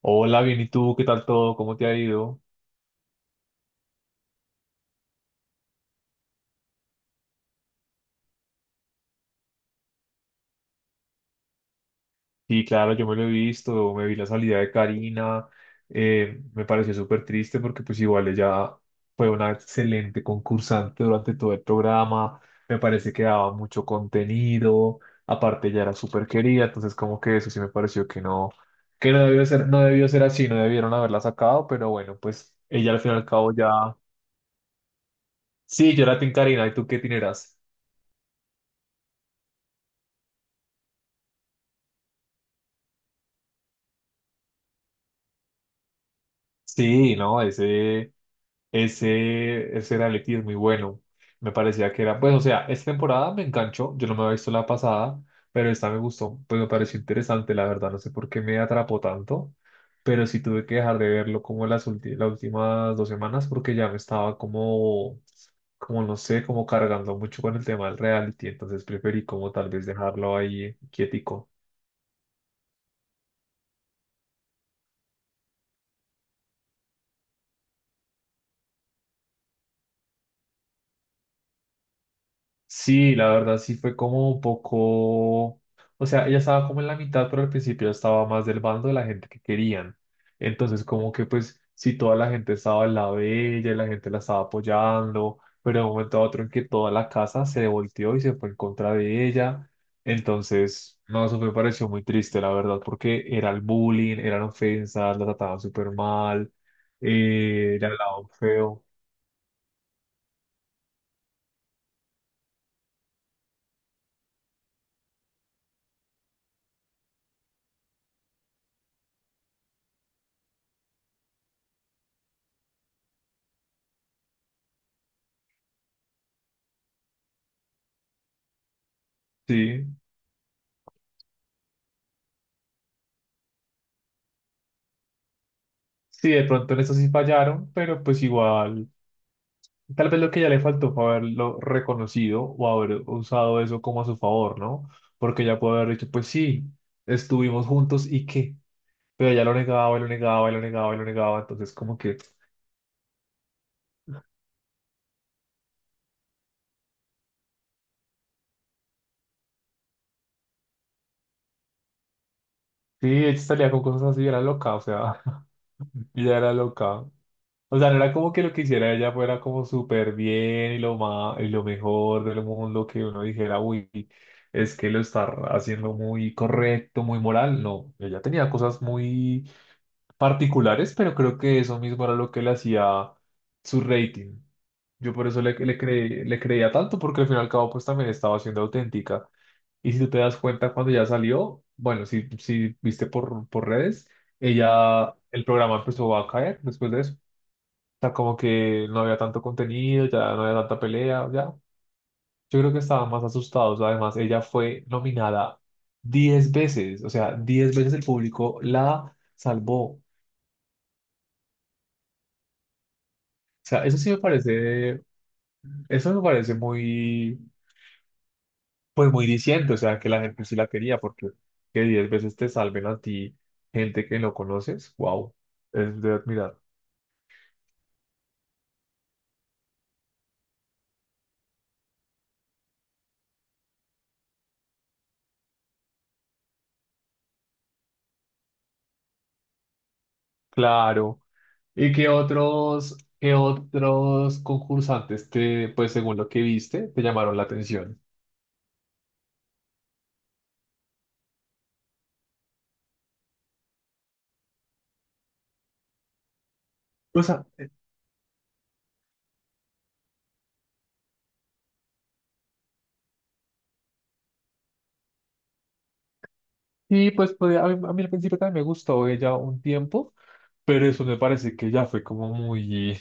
Hola, bien, ¿y tú? ¿Qué tal todo? ¿Cómo te ha ido? Sí, claro, yo me lo he visto, me vi la salida de Karina, me pareció súper triste porque pues igual ella fue una excelente concursante durante todo el programa, me parece que daba mucho contenido, aparte ella era súper querida, entonces como que eso sí me pareció que no debió ser, no debió ser así, no debieron haberla sacado, pero bueno, pues ella al fin y al cabo ya. Sí, yo la tengo Karina, ¿y tú qué tineras? Sí, no, ese reality es muy bueno. Me parecía que era, pues, o sea, esta temporada me enganchó. Yo no me había visto la pasada, pero esta me gustó. Pues me pareció interesante, la verdad. No sé por qué me atrapó tanto, pero sí tuve que dejar de verlo como las últimas 2 semanas porque ya me estaba como no sé, como cargando mucho con el tema del reality. Entonces preferí como tal vez dejarlo ahí quietico. Sí, la verdad sí fue como un poco, o sea, ella estaba como en la mitad, pero al principio estaba más del bando de la gente que querían. Entonces como que pues si toda la gente estaba al lado de ella y la gente la estaba apoyando, pero de un momento a otro en que toda la casa se volteó y se fue en contra de ella. Entonces, no, eso me pareció muy triste, la verdad, porque era el bullying, eran ofensas, la trataban súper mal, le hablaban feo. Sí. Sí, de pronto en eso sí fallaron, pero pues igual, tal vez lo que ya le faltó fue haberlo reconocido o haber usado eso como a su favor, ¿no? Porque ya puede haber dicho, pues sí, estuvimos juntos y qué, pero ya lo negaba, y lo negaba, y lo negaba, y lo negaba, entonces como que sí, ella salía con cosas así, era loca, o sea, ella era loca. O sea, no era como que lo que hiciera ella fuera como súper bien y lo más, y lo mejor del mundo que uno dijera, uy, es que lo está haciendo muy correcto, muy moral. No, ella tenía cosas muy particulares, pero creo que eso mismo era lo que le hacía su rating. Yo por eso le creía tanto, porque al fin y al cabo pues también estaba siendo auténtica. Y si tú te das cuenta cuando ya salió, bueno, si viste por redes, ella, el programa empezó a caer después de eso sea, como que no había tanto contenido, ya no había tanta pelea, ya. Yo creo que estaban más asustados. Además, ella fue nominada 10 veces, o sea, 10 veces el público la salvó. O sea, eso sí me parece, eso me parece muy, pues muy diciente, o sea, que la gente sí la quería, porque que 10 veces te salven a ti gente que no conoces, wow, es de admirar. Claro. ¿Y qué otros concursantes te, pues según lo que viste, te llamaron la atención? Pues sí, pues a mí, al principio también me gustó ella un tiempo, pero eso me parece que ya fue como muy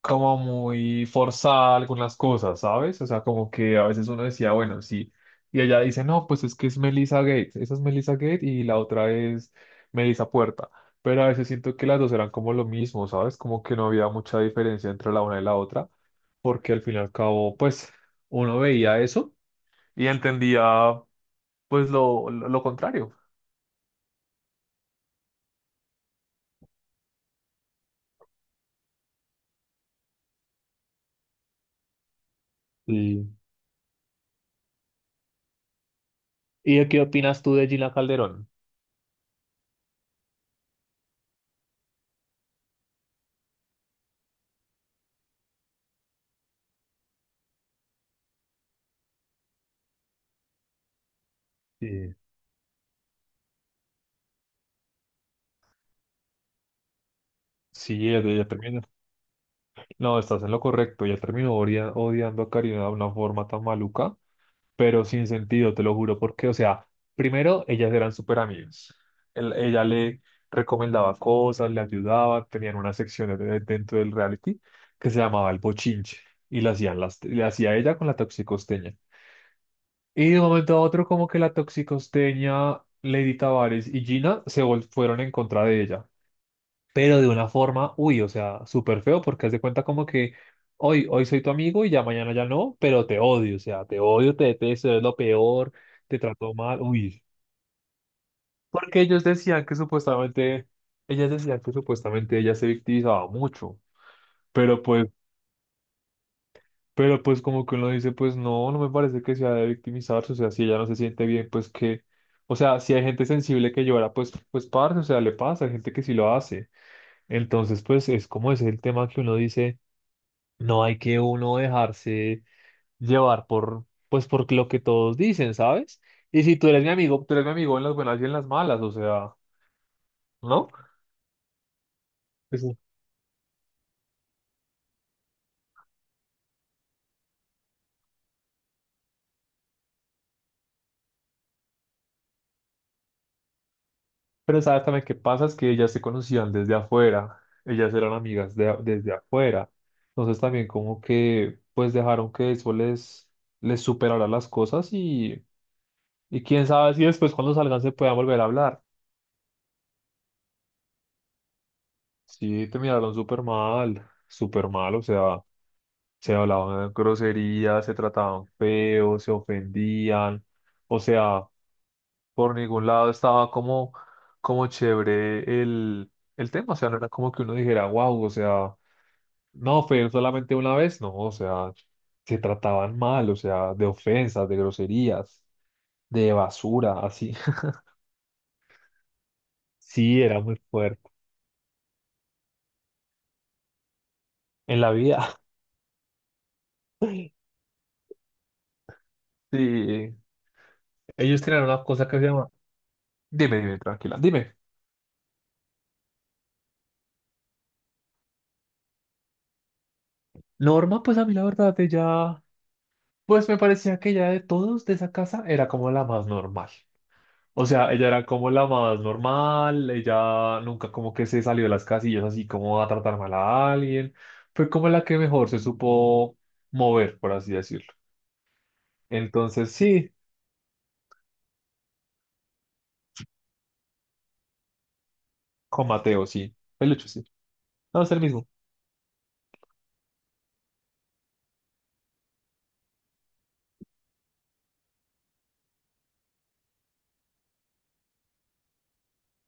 como muy forzada algunas cosas, ¿sabes? O sea, como que a veces uno decía, bueno, sí. Y ella dice, no, pues es que es Melissa Gates. Esa es Melissa Gates y la otra es Melissa Puerta. Pero a veces siento que las dos eran como lo mismo, ¿sabes? Como que no había mucha diferencia entre la una y la otra. Porque al fin y al cabo, pues, uno veía eso y entendía, pues, lo contrario. Sí, ¿y de qué opinas tú de Gina Calderón? Sí, sí, ella también. No, estás en lo correcto. Ya terminó odiando a Karina de una forma tan maluca, pero sin sentido, te lo juro, porque, o sea, primero, ellas eran súper amigas. Ella le recomendaba cosas, le ayudaba, tenían una sección dentro del reality que se llamaba El Bochinche y la hacían le hacía ella con la toxicosteña. Y de un momento a otro, como que la toxicosteña, Lady Tavares y Gina fueron en contra de ella, pero de una forma, uy, o sea, súper feo porque haz de cuenta como que hoy, hoy soy tu amigo y ya mañana ya no, pero te odio, o sea, te odio, te detesto, es lo peor, te trato mal, uy. Porque ellos decían que supuestamente, ellas decían que supuestamente ella se victimizaba mucho, pero pues, pero pues como que uno dice, pues no, no me parece que sea de victimizarse, o sea, si ella no se siente bien, pues que, o sea, si hay gente sensible que llora, pues, pues parce, o sea, le pasa, hay gente que sí lo hace. Entonces, pues es como ese el tema que uno dice. No hay que uno dejarse llevar por, pues, por lo que todos dicen, ¿sabes? Y si tú eres mi amigo, tú eres mi amigo en las buenas y en las malas, o sea, ¿no? Pues sí. Pero sabes también qué pasa, es que ellas se conocían desde afuera, ellas eran amigas desde afuera. Entonces también como que, pues dejaron que eso les superara las cosas y quién sabe si después cuando salgan se puedan volver a hablar. Sí, terminaron súper mal, o sea, se hablaban groserías, se trataban feo, se ofendían, o sea, por ningún lado estaba como, como chévere el tema, o sea, no era como que uno dijera, wow, o sea, no, fue solamente una vez, no, o sea, se trataban mal, o sea, de ofensas, de groserías, de basura, así. Sí, era muy fuerte. En la vida. Sí, ellos tenían una cosa que se llama. Dime, dime, tranquila, dime. Norma, pues a mí la verdad, ella... Pues me parecía que ella de todos de esa casa era como la más normal. O sea, ella era como la más normal, ella nunca como que se salió de las casillas así como a tratar mal a alguien. Fue como la que mejor se supo mover, por así decirlo. Entonces sí, con Mateo sí, Peluche sí. No, es el mismo.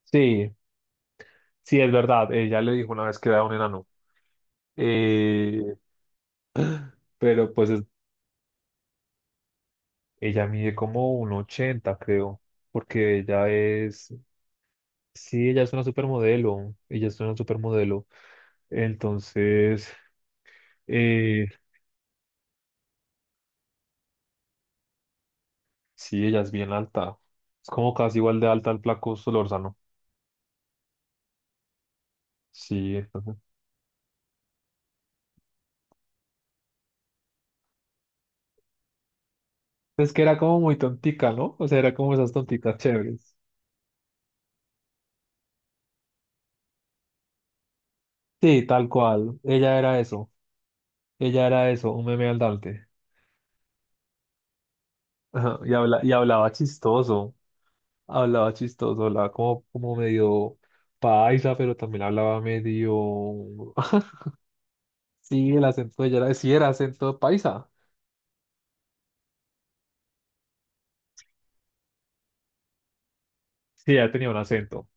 Sí, sí, es verdad. Ella le dijo una vez que era un enano. Eh, pero pues ella mide como un 80 creo, porque ella es. Sí, ella es una supermodelo, ella es una supermodelo. Entonces, eh, sí, ella es bien alta. Es como casi igual de alta al flaco Solórzano. Sí, entonces. Es que era como muy tontica, ¿no? O sea, era como esas tonticas chéveres. Sí, tal cual. Ella era eso. Ella era eso, un meme andante. Ajá, Y hablaba chistoso. Hablaba chistoso, hablaba como, medio paisa, pero también hablaba medio. Sí, el acento de ella era, sí, era acento paisa. Sí, ya tenía un acento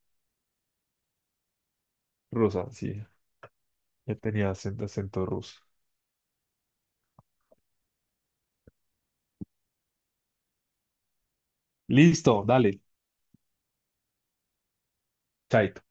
rusa, sí, ya tenía acento, ruso. Listo, dale, chaito.